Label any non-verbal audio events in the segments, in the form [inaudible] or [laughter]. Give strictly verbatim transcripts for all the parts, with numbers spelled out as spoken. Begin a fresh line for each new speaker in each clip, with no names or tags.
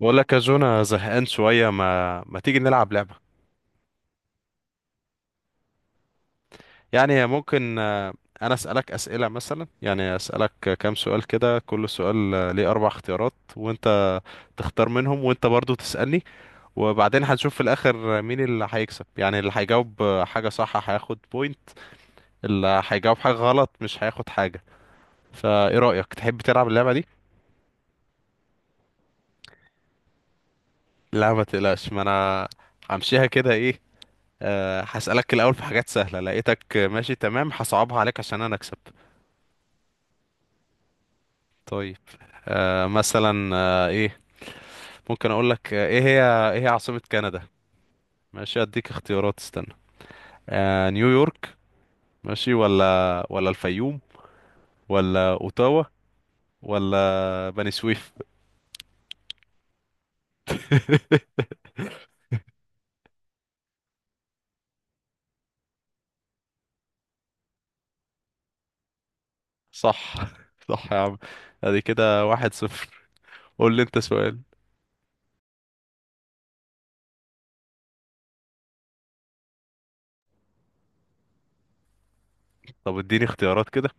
بقول لك يا جو، انا زهقان شوية ما ما تيجي نلعب لعبة. يعني ممكن آه، أنا أسألك أسئلة، مثلا يعني أسألك كام سؤال كده، كل سؤال آه، ليه أربع اختيارات، وأنت تختار منهم، وأنت برضو تسألني، وبعدين هنشوف في الآخر مين اللي هيكسب. يعني اللي هيجاوب آه، حاجة صح هياخد بوينت، اللي هيجاوب حاجة غلط مش هياخد حاجة. فإيه رأيك، تحب تلعب اللعبة دي؟ لا ما تقلقش، ما أنا همشيها كده. إيه أه هسألك الأول في حاجات سهلة، لقيتك ماشي تمام هصعبها عليك عشان أنا أكسب. طيب. أه مثلا أه إيه ممكن أقول لك آه، إيه هي إيه هي عاصمة كندا؟ ماشي أديك اختيارات، استنى. أه نيويورك، ماشي ولا ولا الفيوم، ولا أوتاوا، ولا بني سويف. صح [laughs] صح يا عم. أدي كده واحد صفر. قول لي أنت سؤال. طب اديني اختيارات كده.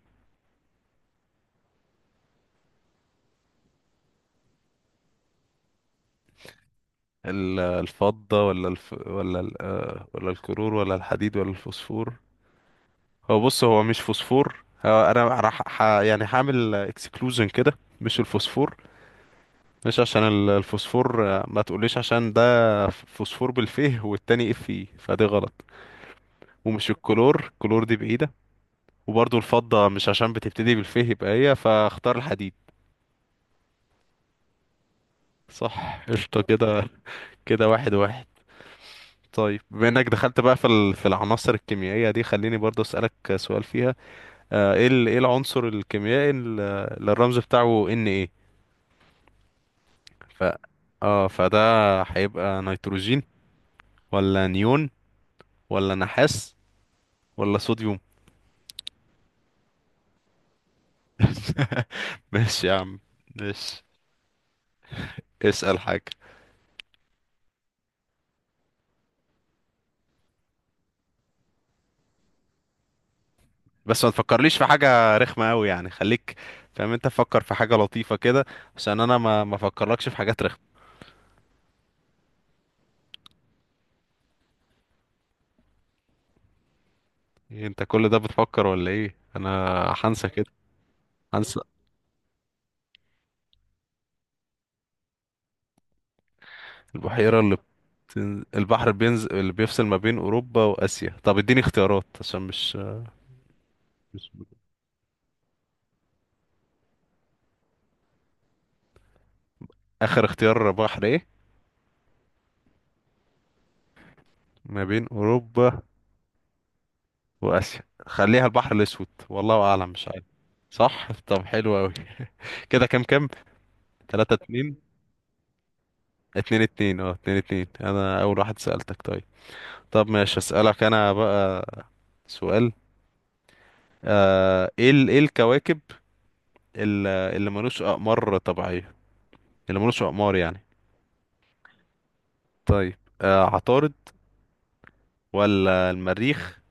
ال- الفضة ولا الف... ولا ال... آه، ولا الكرور ولا الحديد ولا الفوسفور. هو بص هو مش فوسفور، هو انا راح ح... يعني هعمل اكسكلوجن كده. مش الفوسفور، مش عشان ال- الفوسفور آه، ما تقوليش عشان ده فوسفور بالفيه والتاني اف اي، فدي غلط. ومش الكلور، الكلور دي بعيدة. وبرضو الفضة مش عشان بتبتدي بالفيه، يبقى هي، فاختار الحديد. صح، قشطة كده. كده واحد واحد. طيب بما انك دخلت بقى في ال- في العناصر الكيميائية دي، خليني برضو اسألك سؤال فيها. آه، ايه ال- ايه العنصر الكيميائي اللي الرمز بتاعه ان ايه؟ ف اه فده هيبقى نيتروجين، ولا نيون، ولا نحاس، ولا صوديوم. [laughs] ماشي يا عم، ماشي. اسأل حاجة. بس ما تفكرليش في حاجة رخمة قوي، يعني خليك فاهم انت، فكر في حاجة لطيفة كده، عشان انا ما ما افكرلكش في حاجات رخمة. إيه انت كل ده بتفكر ولا ايه؟ انا هنسى كده، هنسى. البحيرة اللي بتن... البحر بينزل اللي بيفصل ما بين اوروبا واسيا، طب اديني اختيارات عشان مش, مش... اخر اختيار بحر ايه؟ ما بين اوروبا واسيا، خليها البحر الاسود والله اعلم، مش عارف. صح، طب حلو قوي. [laughs] كده كام كام؟ تلاتة اتنين. اتنين اتنين اه اتنين اتنين، انا اول واحد سألتك. طيب، طب ماشي اسألك انا بقى سؤال. آه ايه ال- ايه الكواكب ال- اللي ملوش اقمار طبيعية، اللي ملوش اقمار يعني. طيب آه عطارد، ولا المريخ،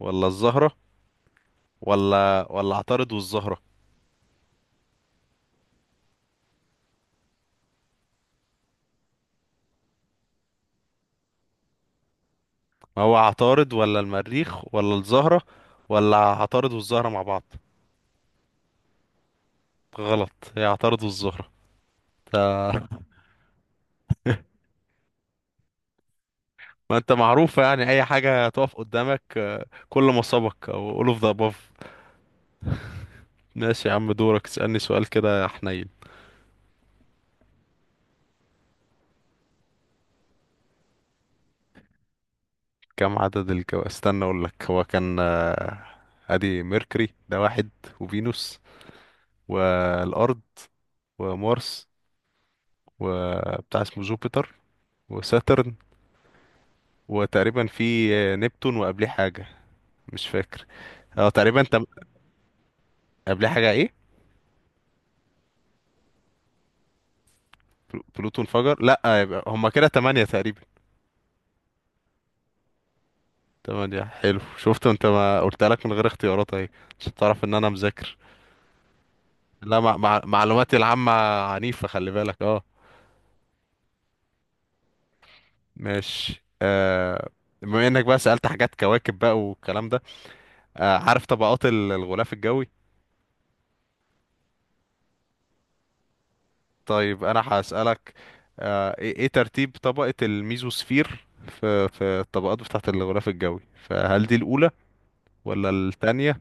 ولا الزهرة، ولا ولا عطارد والزهرة. ما هو عطارد ولا المريخ ولا الزهرة ولا عطارد والزهرة مع بعض. غلط، يعترضوا الزهرة. ما انت معروفة يعني اي حاجة تقف قدامك آه، كل ما سبق او all of the above. ماشي يا عم، دورك اسألني سؤال كده يا حنين. كم عدد الكو، استنى اقول لك. هو كان آه، ادي ميركوري ده واحد، وفينوس، والارض، ومارس، وبتاع اسمه جوبيتر، وساترن، وتقريبا في آه، نبتون، وقبليه حاجة مش فاكر. اه تقريبا تم... قبليه حاجة ايه؟ بلو- بلوتو انفجر لا، يبقى هما كده تمانية تقريبا. تمانية، حلو. شفت انت، ما قلت لك من غير اختيارات اهي، عشان تعرف ان انا مذاكر. لا مع... مع... معلوماتي العامة عنيفة، خلي بالك اه. ماشي آه. بما انك بقى سألت حاجات كواكب بقى والكلام ده، آه عارف طبقات ال- الغلاف الجوي؟ طيب انا هسألك آه ايه ايه ترتيب طبقة الميزوسفير في في الطبقات بتاعة الغلاف الجوي، فهل دي الأولى، ولا التانية،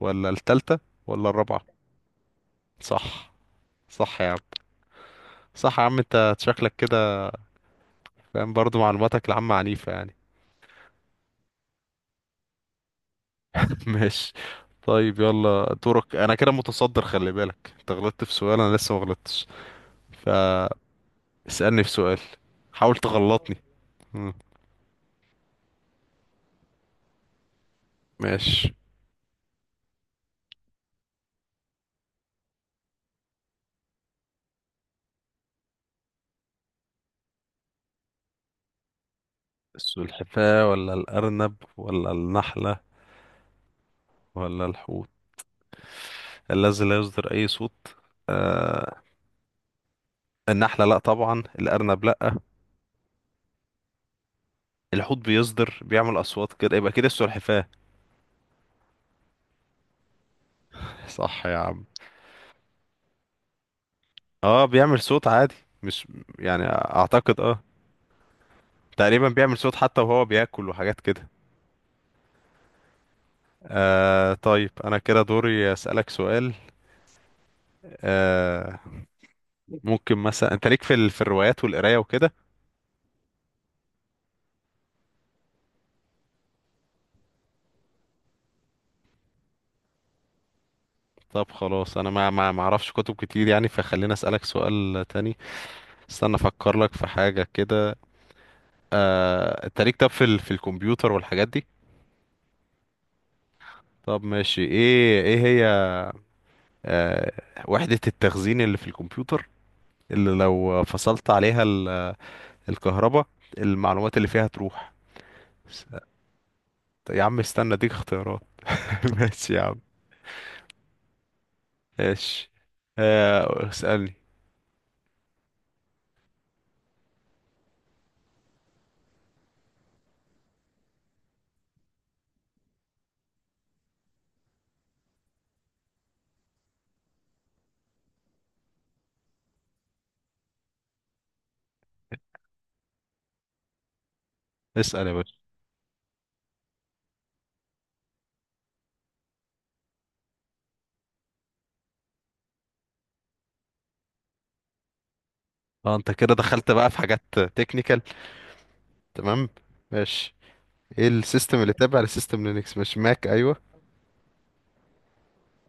ولا التالتة، ولا الرابعة؟ صح، صح يا عم، صح يا عم. انت شكلك كده فاهم، برضو معلوماتك العامة عنيفة يعني. [laughs] ماشي. طيب يلا دورك، انا كده متصدر، خلي بالك انت غلطت في سؤال انا لسه ما غلطتش، فاسألني في سؤال، حاول تغلطني. مم. ماشي. السلحفاة ولا الأرنب ولا النحلة ولا الحوت الذي لا يصدر أي صوت؟ آه، النحلة لأ طبعا، الأرنب لأ، الحوت بيصدر بيعمل أصوات كده، يبقى كده السلحفاة. صح يا عم. اه بيعمل صوت عادي، مش، يعني أعتقد اه تقريبا بيعمل صوت حتى وهو بياكل وحاجات كده. آه طيب انا كده دوري اسالك سؤال. آه ممكن مثلا انت ليك في ال... في الروايات والقرايه وكده؟ طب خلاص انا ما ما ما اعرفش كتب كتير يعني، فخليني اسالك سؤال تاني. استنى افكر لك في حاجه كده. آه انت ليك طب في ال... في الكمبيوتر والحاجات دي؟ طب ماشي ايه ايه هي آه وحده التخزين اللي في الكمبيوتر، اللي لو فصلت عليها ال... الكهرباء، المعلومات اللي فيها تروح؟ طب يا عم استنى اديك اختيارات. [laughs] ماشي يا عم، ماشي. آه، اسألني. اسأل يا باشا. اه انت كده دخلت بقى في حاجات تكنيكال، تمام ماشي. ايه السيستم اللي تابع لسيستم لينكس، مش ماك؟ ايوه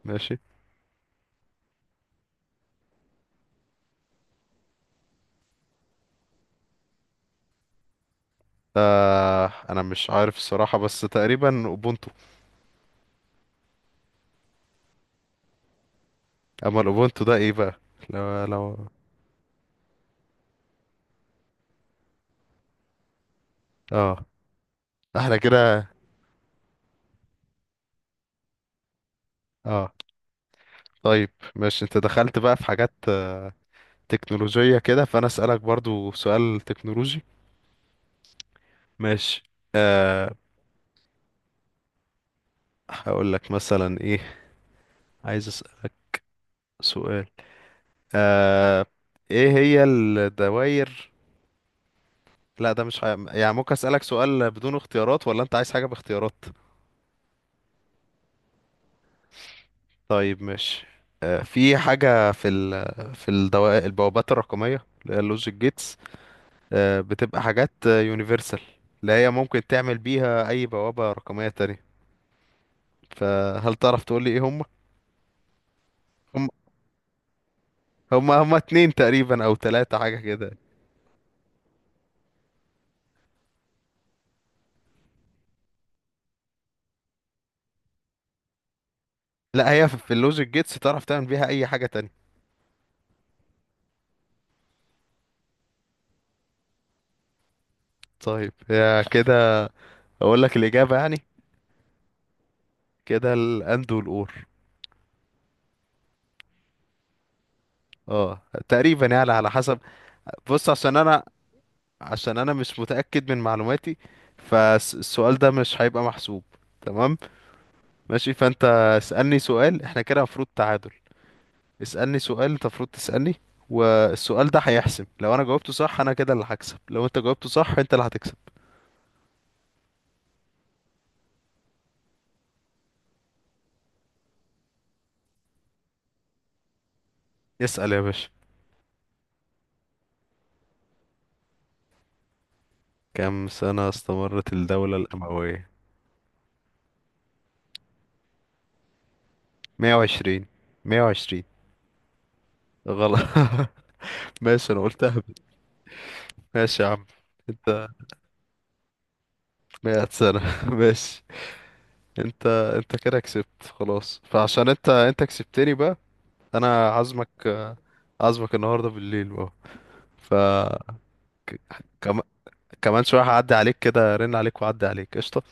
ماشي. آه انا مش عارف الصراحة بس تقريبا اوبونتو. اما الاوبونتو ده ايه بقى؟ لو لو اه، احنا كده اه. طيب ماشي انت دخلت بقى في حاجات آه، تكنولوجية كده، فانا اسألك برضو سؤال تكنولوجي، ماشي. هقول لك مثلا ايه. عايز اسالك سؤال آه ايه هي الدوائر. لا ده مش ح... يعني ممكن اسالك سؤال بدون اختيارات ولا انت عايز حاجه باختيارات؟ طيب ماشي. آه في حاجه في ال... في الدوائر، البوابات الرقميه اللي هي اللوجيك جيتس، آه بتبقى حاجات يونيفرسال اللي هي ممكن تعمل بيها اي بوابه رقميه تانية. فهل تعرف تقول لي ايه هم هم هم هم اتنين تقريبا او تلاتة حاجه كده. لا هي في اللوجيك جيتس تعرف تعمل بيها اي حاجه تانية. طيب يا كده اقول لك الاجابه يعني. كده الاند والاور. اه تقريبا يعني على حسب. بص عشان انا، عشان انا مش متاكد من معلوماتي، فالسؤال ده مش هيبقى محسوب، تمام؟ ماشي فانت اسالني سؤال، احنا كده المفروض تعادل. اسالني سؤال انت المفروض تسالني، والسؤال ده هيحسم. لو انا جاوبته صح انا كده اللي هكسب، لو انت جاوبته صح انت اللي هتكسب. اسال يا باشا. كم سنه استمرت الدوله الامويه؟ مية وعشرين. مية وعشرين غلط. [laughs] ماشي انا قلت اهبد. ماشي يا عم. انت مية سنة. [laughs] ماشي. انت، انت كده كسبت خلاص. فعشان انت انت كسبتني بقى، انا عازمك. عازمك النهارده بالليل بقى. ف كم... كمان شوية هعدي عليك كده، رن عليك وعدي عليك، قشطة.